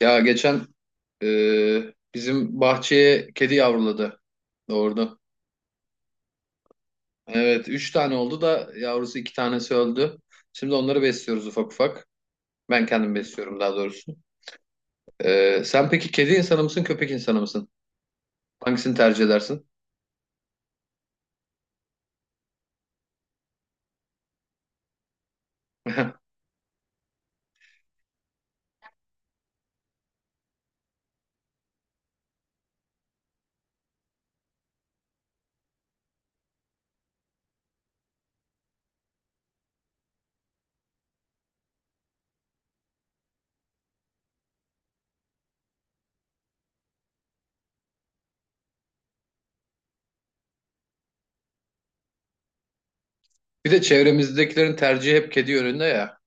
Ya geçen bizim bahçeye kedi yavruladı. Doğurdu. Evet, üç tane oldu da yavrusu iki tanesi öldü. Şimdi onları besliyoruz ufak ufak. Ben kendim besliyorum daha doğrusu. Sen peki kedi insanı mısın, köpek insanı mısın? Hangisini tercih edersin? Bir de çevremizdekilerin tercihi hep kedi yönünde ya.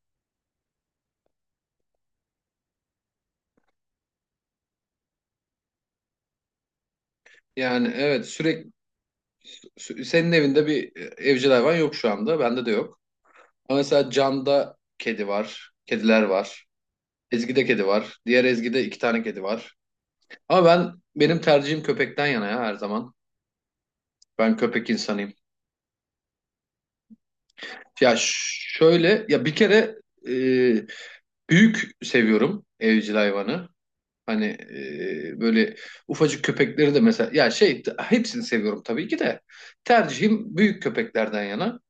Yani evet sürekli senin evinde bir evcil hayvan yok şu anda. Bende de yok. Ama mesela Can'da kedi var, kediler var. Ezgi'de kedi var. Diğer Ezgi'de iki tane kedi var. Ama ben benim tercihim köpekten yana ya her zaman. Ben köpek insanıyım. Ya şöyle ya bir kere e, büyük seviyorum evcil hayvanı. Hani böyle ufacık köpekleri de mesela ya şey hepsini seviyorum tabii ki de tercihim büyük köpeklerden yana.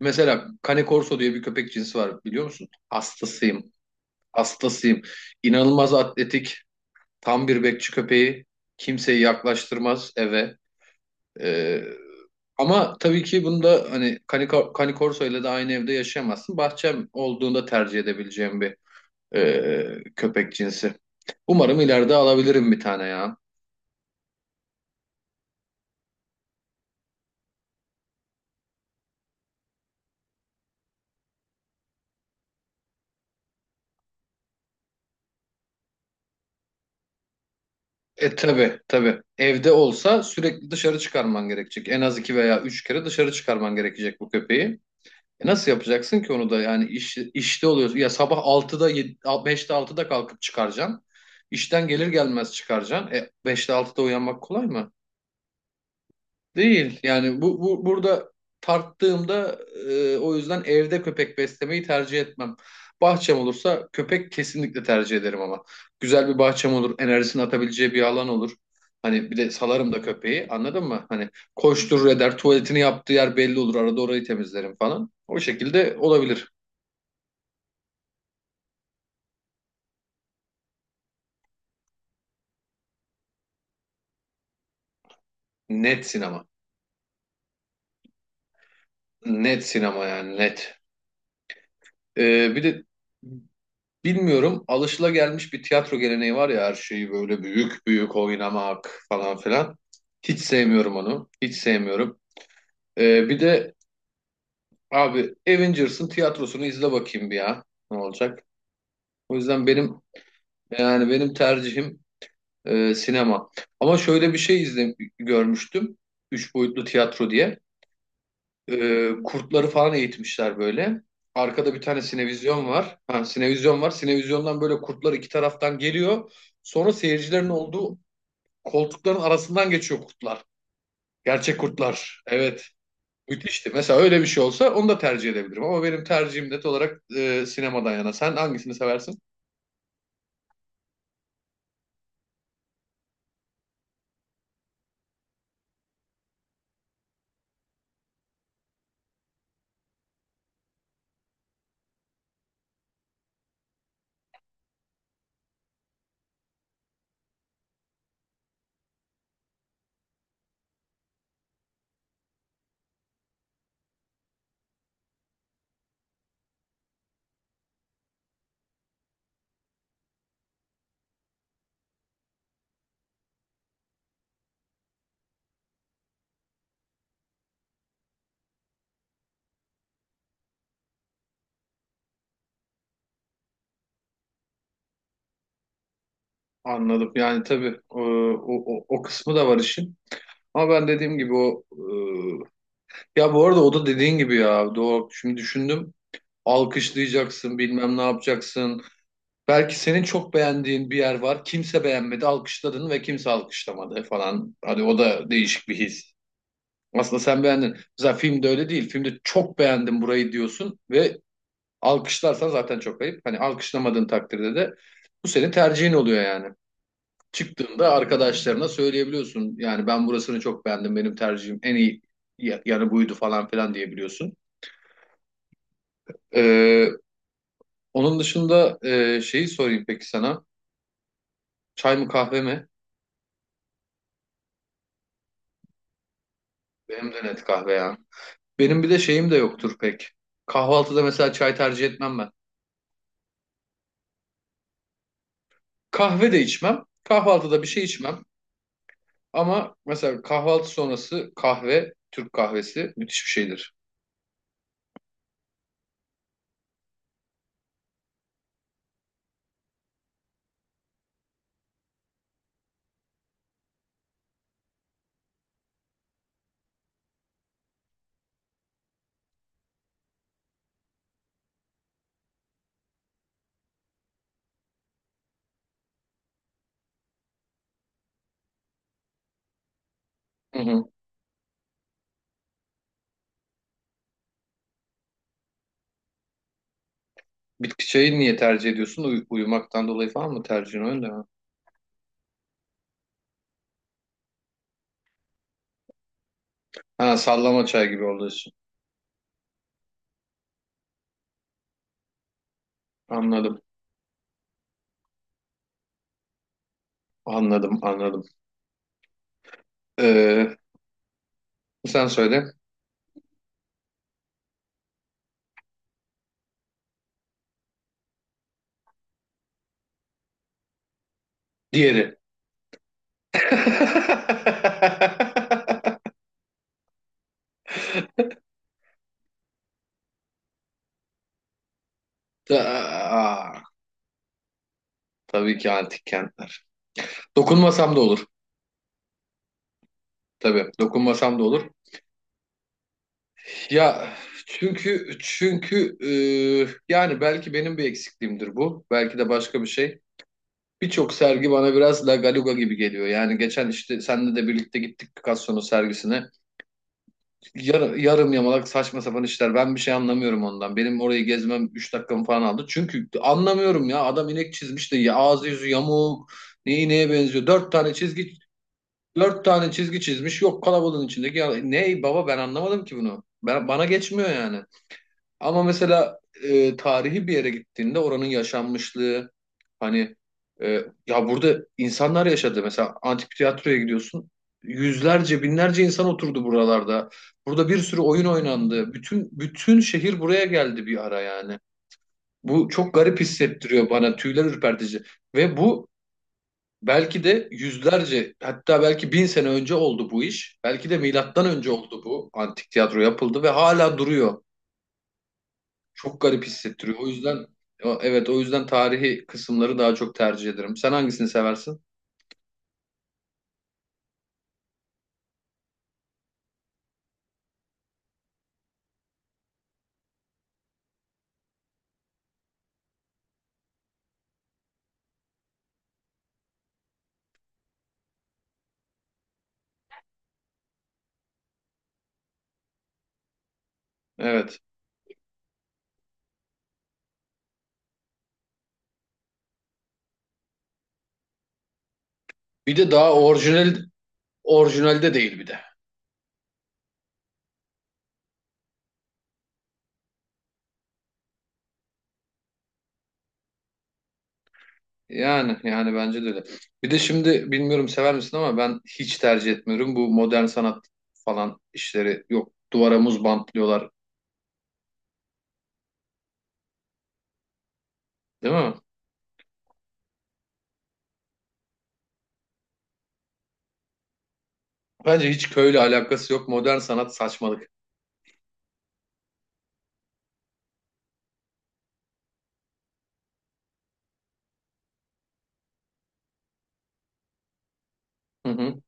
Mesela Cane Corso diye bir köpek cinsi var biliyor musun? Hastasıyım. Hastasıyım. İnanılmaz atletik. Tam bir bekçi köpeği. Kimseyi yaklaştırmaz eve. Ee, Ama tabii ki bunda hani Canicorso ile de aynı evde yaşayamazsın. Bahçem olduğunda tercih edebileceğim bir köpek cinsi. Umarım ileride alabilirim bir tane ya. E tabii tabii. Evde olsa sürekli dışarı çıkarman gerekecek. En az iki veya üç kere dışarı çıkarman gerekecek bu köpeği. E nasıl yapacaksın ki onu da yani işte oluyorsun. Ya sabah altıda 7, 5'te 6'da kalkıp çıkaracaksın. İşten gelir gelmez çıkaracaksın. E 5'te 6'da uyanmak kolay mı? Değil. Yani bu, bu burada tarttığımda o yüzden evde köpek beslemeyi tercih etmem. Bahçem olursa köpek kesinlikle tercih ederim ama. Güzel bir bahçem olur, enerjisini atabileceği bir alan olur. Hani bir de salarım da köpeği anladın mı? Hani koşturur eder, tuvaletini yaptığı yer belli olur. Arada orayı temizlerim falan. O şekilde olabilir. Net sinema. Net sinema yani net. Bir de bilmiyorum alışılagelmiş bir tiyatro geleneği var ya her şeyi böyle büyük büyük oynamak falan filan. Hiç sevmiyorum onu. Hiç sevmiyorum. Bir de abi Avengers'ın tiyatrosunu izle bakayım bir ya. Ne olacak? O yüzden yani benim tercihim sinema. Ama şöyle bir şey izle, görmüştüm. Üç boyutlu tiyatro diye. Kurtları falan eğitmişler böyle. Arkada bir tane sinevizyon var. Ha, sinevizyon var. Sinevizyondan böyle kurtlar iki taraftan geliyor. Sonra seyircilerin olduğu koltukların arasından geçiyor kurtlar. Gerçek kurtlar. Evet. Müthişti. Mesela öyle bir şey olsa onu da tercih edebilirim. Ama benim tercihim net olarak sinemadan yana. Sen hangisini seversin? Anladım. Yani tabii o kısmı da var işin. Ama ben dediğim gibi o. Ya bu arada o da dediğin gibi ya. Doğru. Şimdi düşündüm. Alkışlayacaksın, bilmem ne yapacaksın. Belki senin çok beğendiğin bir yer var. Kimse beğenmedi, alkışladın ve kimse alkışlamadı falan. Hadi o da değişik bir his. Aslında sen beğendin. Mesela filmde öyle değil. Filmde çok beğendim burayı diyorsun ve alkışlarsan zaten çok ayıp. Hani alkışlamadığın takdirde de bu senin tercihin oluyor yani. Çıktığında arkadaşlarına söyleyebiliyorsun. Yani ben burasını çok beğendim. Benim tercihim en iyi yanı buydu falan filan diyebiliyorsun. Ee, Onun dışında şeyi sorayım peki sana. Çay mı kahve mi? Benim de net kahve ya. Benim bir de şeyim de yoktur pek. Kahvaltıda mesela çay tercih etmem ben. Kahve de içmem. Kahvaltıda bir şey içmem. Ama mesela kahvaltı sonrası kahve, Türk kahvesi müthiş bir şeydir. Hı hı. Bitki çayı niye tercih ediyorsun? Uyumaktan dolayı falan mı tercihin öyle mi? Ha sallama çay gibi olduğu için. Anladım, anladım, anladım. Ee, Sen söyle. Diğeri. Ta- Aa, tabii ki antik kentler. Dokunmasam da olur. Tabii, dokunmasam da olur. Ya çünkü yani belki benim bir eksikliğimdir bu. Belki de başka bir şey. Birçok sergi bana biraz La Galuga gibi geliyor. Yani geçen işte seninle de birlikte gittik Picasso'nun sergisine. Yarım yamalak saçma sapan işler. Ben bir şey anlamıyorum ondan. Benim orayı gezmem 3 dakikamı falan aldı. Çünkü anlamıyorum ya. Adam inek çizmiş de ya, ağzı yüzü yamuk. Neyi neye benziyor? Dört tane çizgi çizmiş. Yok kalabalığın içindeki. Ya, ne baba ben anlamadım ki bunu. Bana geçmiyor yani. Ama mesela tarihi bir yere gittiğinde oranın yaşanmışlığı hani e, ya burada insanlar yaşadı. Mesela antik tiyatroya gidiyorsun. Yüzlerce, binlerce insan oturdu buralarda. Burada bir sürü oyun oynandı. Bütün şehir buraya geldi bir ara yani. Bu çok garip hissettiriyor bana. Tüyler ürpertici. Ve bu Belki de yüzlerce hatta belki 1000 sene önce oldu bu iş. Belki de milattan önce oldu bu antik tiyatro yapıldı ve hala duruyor. Çok garip hissettiriyor. O yüzden evet o yüzden tarihi kısımları daha çok tercih ederim. Sen hangisini seversin? Evet. Bir de daha orijinal orijinalde değil bir de. Yani bence de öyle. Bir de şimdi bilmiyorum sever misin ama ben hiç tercih etmiyorum bu modern sanat falan işleri. Yok duvara muz bantlıyorlar değil mi? Bence hiç köyle alakası yok. Modern sanat saçmalık. Hı hı.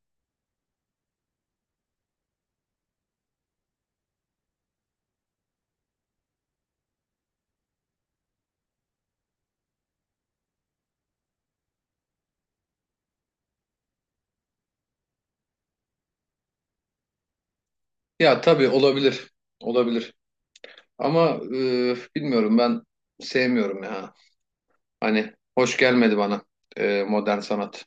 Ya tabii olabilir. Olabilir. Ama bilmiyorum ben sevmiyorum ya. Hani hoş gelmedi bana modern sanat.